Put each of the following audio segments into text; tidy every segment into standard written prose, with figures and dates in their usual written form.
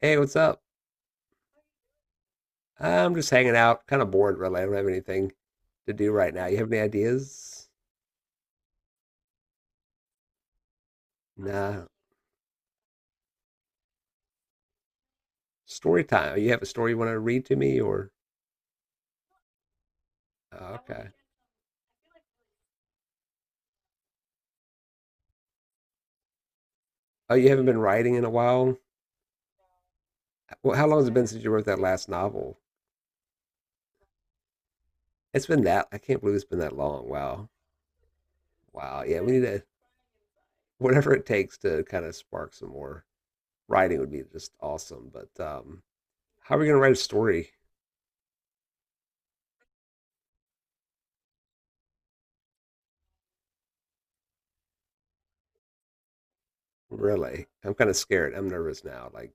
Hey, what's up? I'm just hanging out, kind of bored, really. I don't have anything to do right now. You have any ideas? Nah. Story time. You have a story you want to read to me, or oh, okay. Oh, you haven't been writing in a while? Well, how long has it been since you wrote that last novel? It's been that. I can't believe it's been that long. Wow. Wow. Yeah, we need to, whatever it takes to kind of spark some more writing would be just awesome. But how are we going to write a story? Really? I'm kind of scared. I'm nervous now. Like,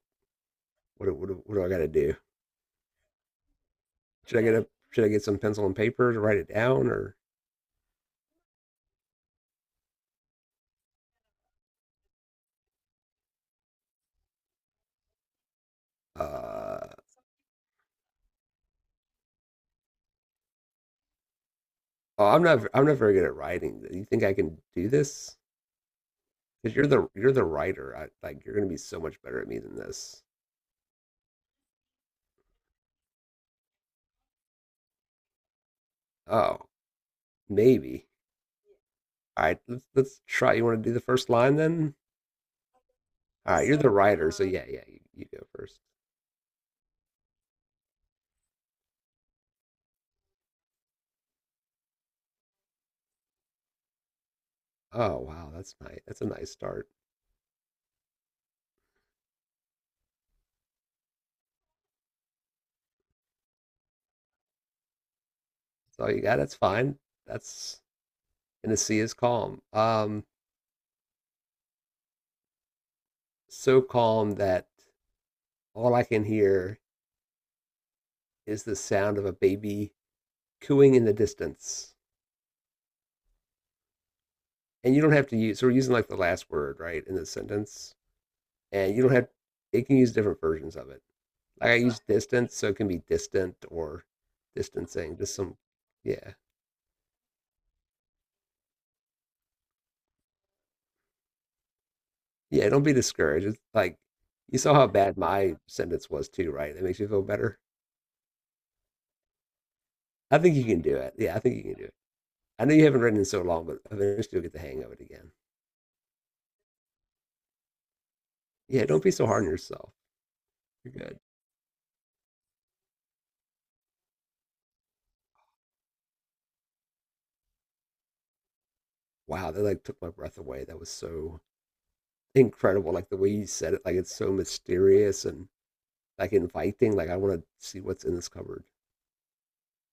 what do I got to do? Should I get some pencil and paper to write it down or uh oh, I'm not very good at writing. Do you think I can do this? Because you're the writer. I like you're gonna be so much better at me than this. Oh, maybe. All right, let's try. You want to do the first line then? All right, you're the So, writer, so yeah, yeah, you go first. Oh wow, that's nice. That's a nice start. That's all you got. That's fine. That's and the sea is calm. So calm that all I can hear is the sound of a baby cooing in the distance. And you don't have to use, so we're using like the last word, right, in the sentence. And you don't have, it can use different versions of it. Like I use distance, so it can be distant or distancing, just some, yeah. Yeah, don't be discouraged. It's like, you saw how bad my sentence was too, right? That makes you feel better. I think you can do it. Yeah, I think you can do it. I know you haven't written in so long, but eventually you'll get the hang of it again. Yeah, don't be so hard on yourself. You're good. Wow, that like took my breath away. That was so incredible. Like the way you said it, like it's so mysterious and like inviting. Like I want to see what's in this cupboard.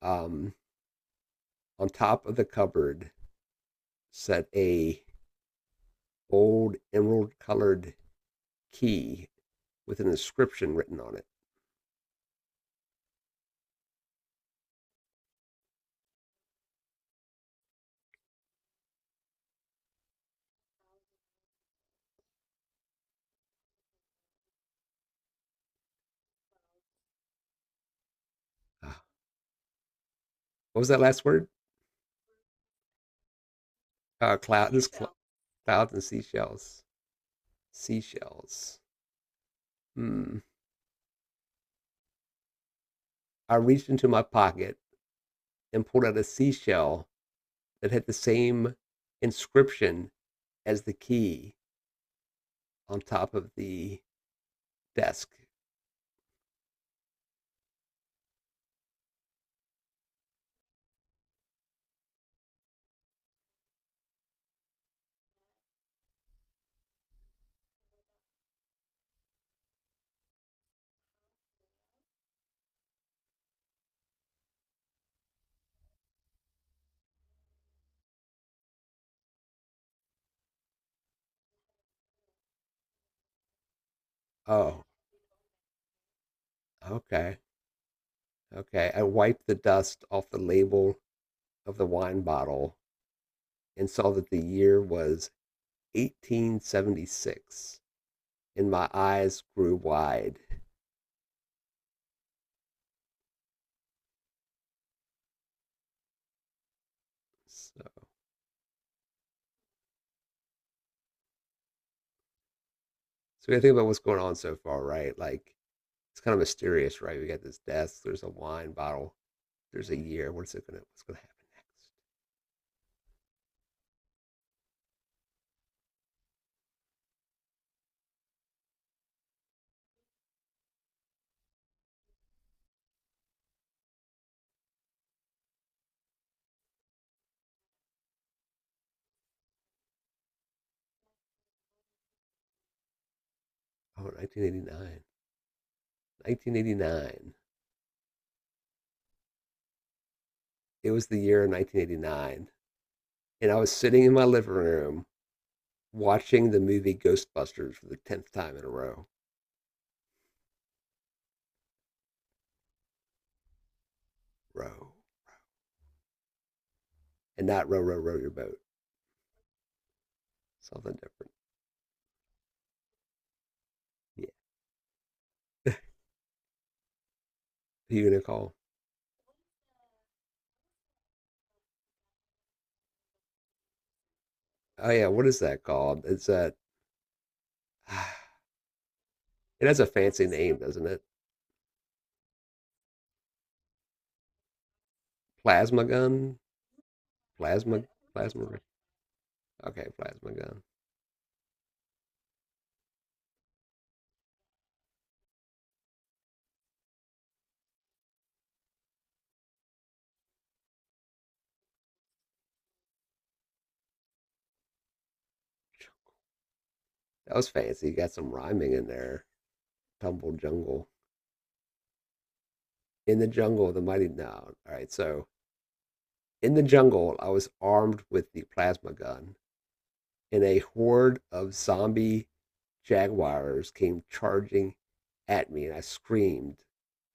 Um, on top of the cupboard sat a old emerald colored key with an inscription written on it. Ah, what was that last word? Seashell. Clouds and seashells. Seashells. Hmm. I reached into my pocket and pulled out a seashell that had the same inscription as the key on top of the desk. Oh, okay, okay. I wiped the dust off the label of the wine bottle and saw that the year was 1876, and my eyes grew wide. So we gotta think about what's going on so far, right? Like it's kind of mysterious, right? We got this desk. There's a wine bottle. There's a year. What's gonna happen next? Oh, 1989. 1989. It was the year of 1989, and I was sitting in my living room watching the movie Ghostbusters for the 10th time in a row. Row. And not row, row, row your boat. Something different. Yeah. Who you gonna call? Oh yeah, what is that called? It's that it has a fancy name, doesn't it? Plasma gun? Plasma plasma Okay, plasma gun. That was fancy. You got some rhyming in there. Tumble jungle. In the jungle, the mighty no. All right, so in the jungle, I was armed with the plasma gun and a horde of zombie jaguars came charging at me, and I screamed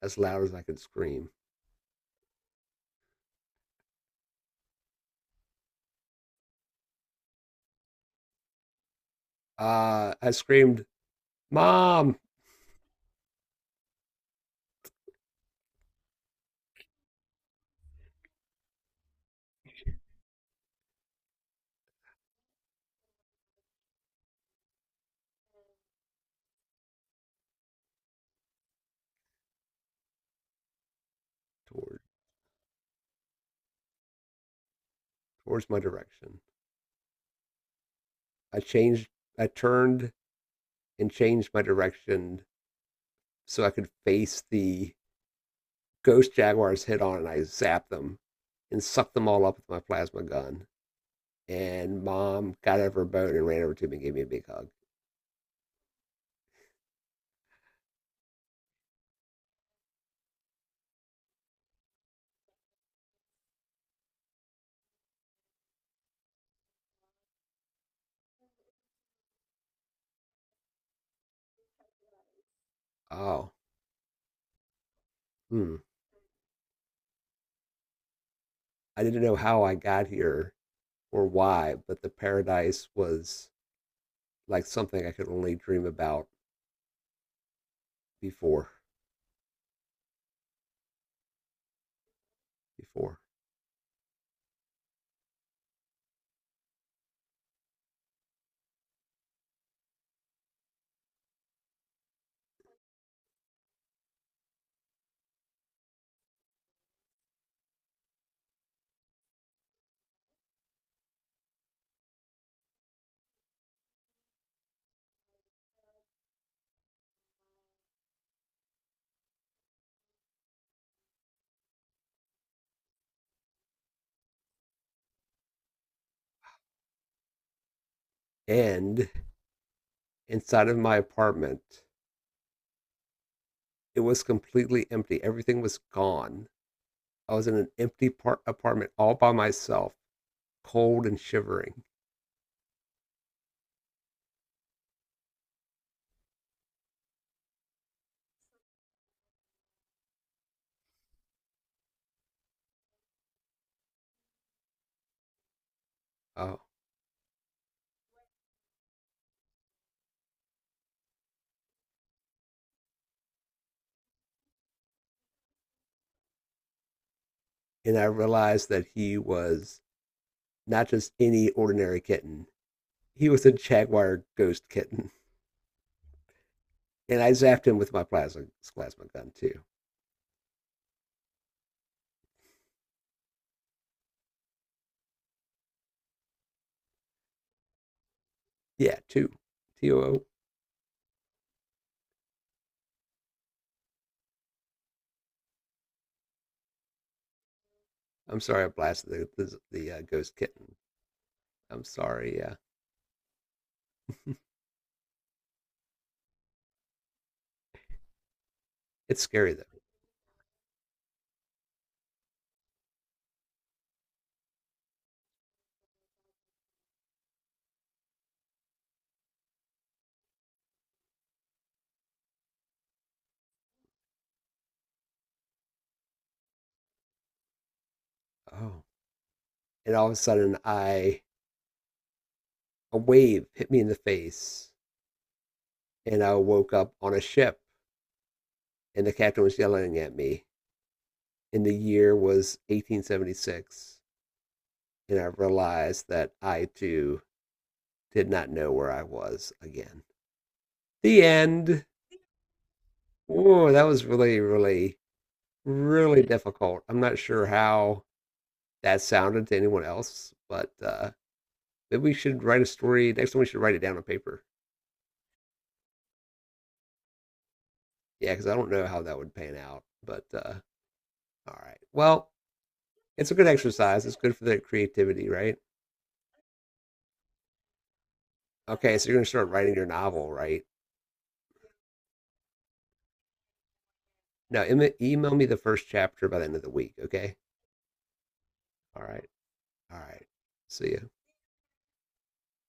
as loud as I could scream. I screamed, "Mom!" Toward towards my direction. I changed, I turned and changed my direction so I could face the ghost jaguars head on, and I zapped them and sucked them all up with my plasma gun. And mom got out of her boat and ran over to me and gave me a big hug. Oh, hmm. I didn't know how I got here or why, but the paradise was like something I could only dream about before. Before. And inside of my apartment, it was completely empty. Everything was gone. I was in an empty apartment all by myself, cold and shivering. Oh, and I realized that he was not just any ordinary kitten. He was a jaguar ghost kitten. And I zapped him with my plasma gun too. Yeah, two. too. I'm sorry I blasted the ghost kitten. I'm sorry. Yeah, it's scary though. Oh, and all of a sudden, I a wave hit me in the face, and I woke up on a ship, and the captain was yelling at me. And the year was 1876, and I realized that I too did not know where I was again. The end. Oh, that was really, really, really difficult. I'm not sure how that sounded to anyone else, but maybe we should write a story. Next time we should write it down on paper. Yeah, because I don't know how that would pan out. But All right. Well, it's a good exercise. It's good for their creativity, right? Okay, so you're going to start writing your novel, right? Now, email me the first chapter by the end of the week, okay? All right. All right. See ya.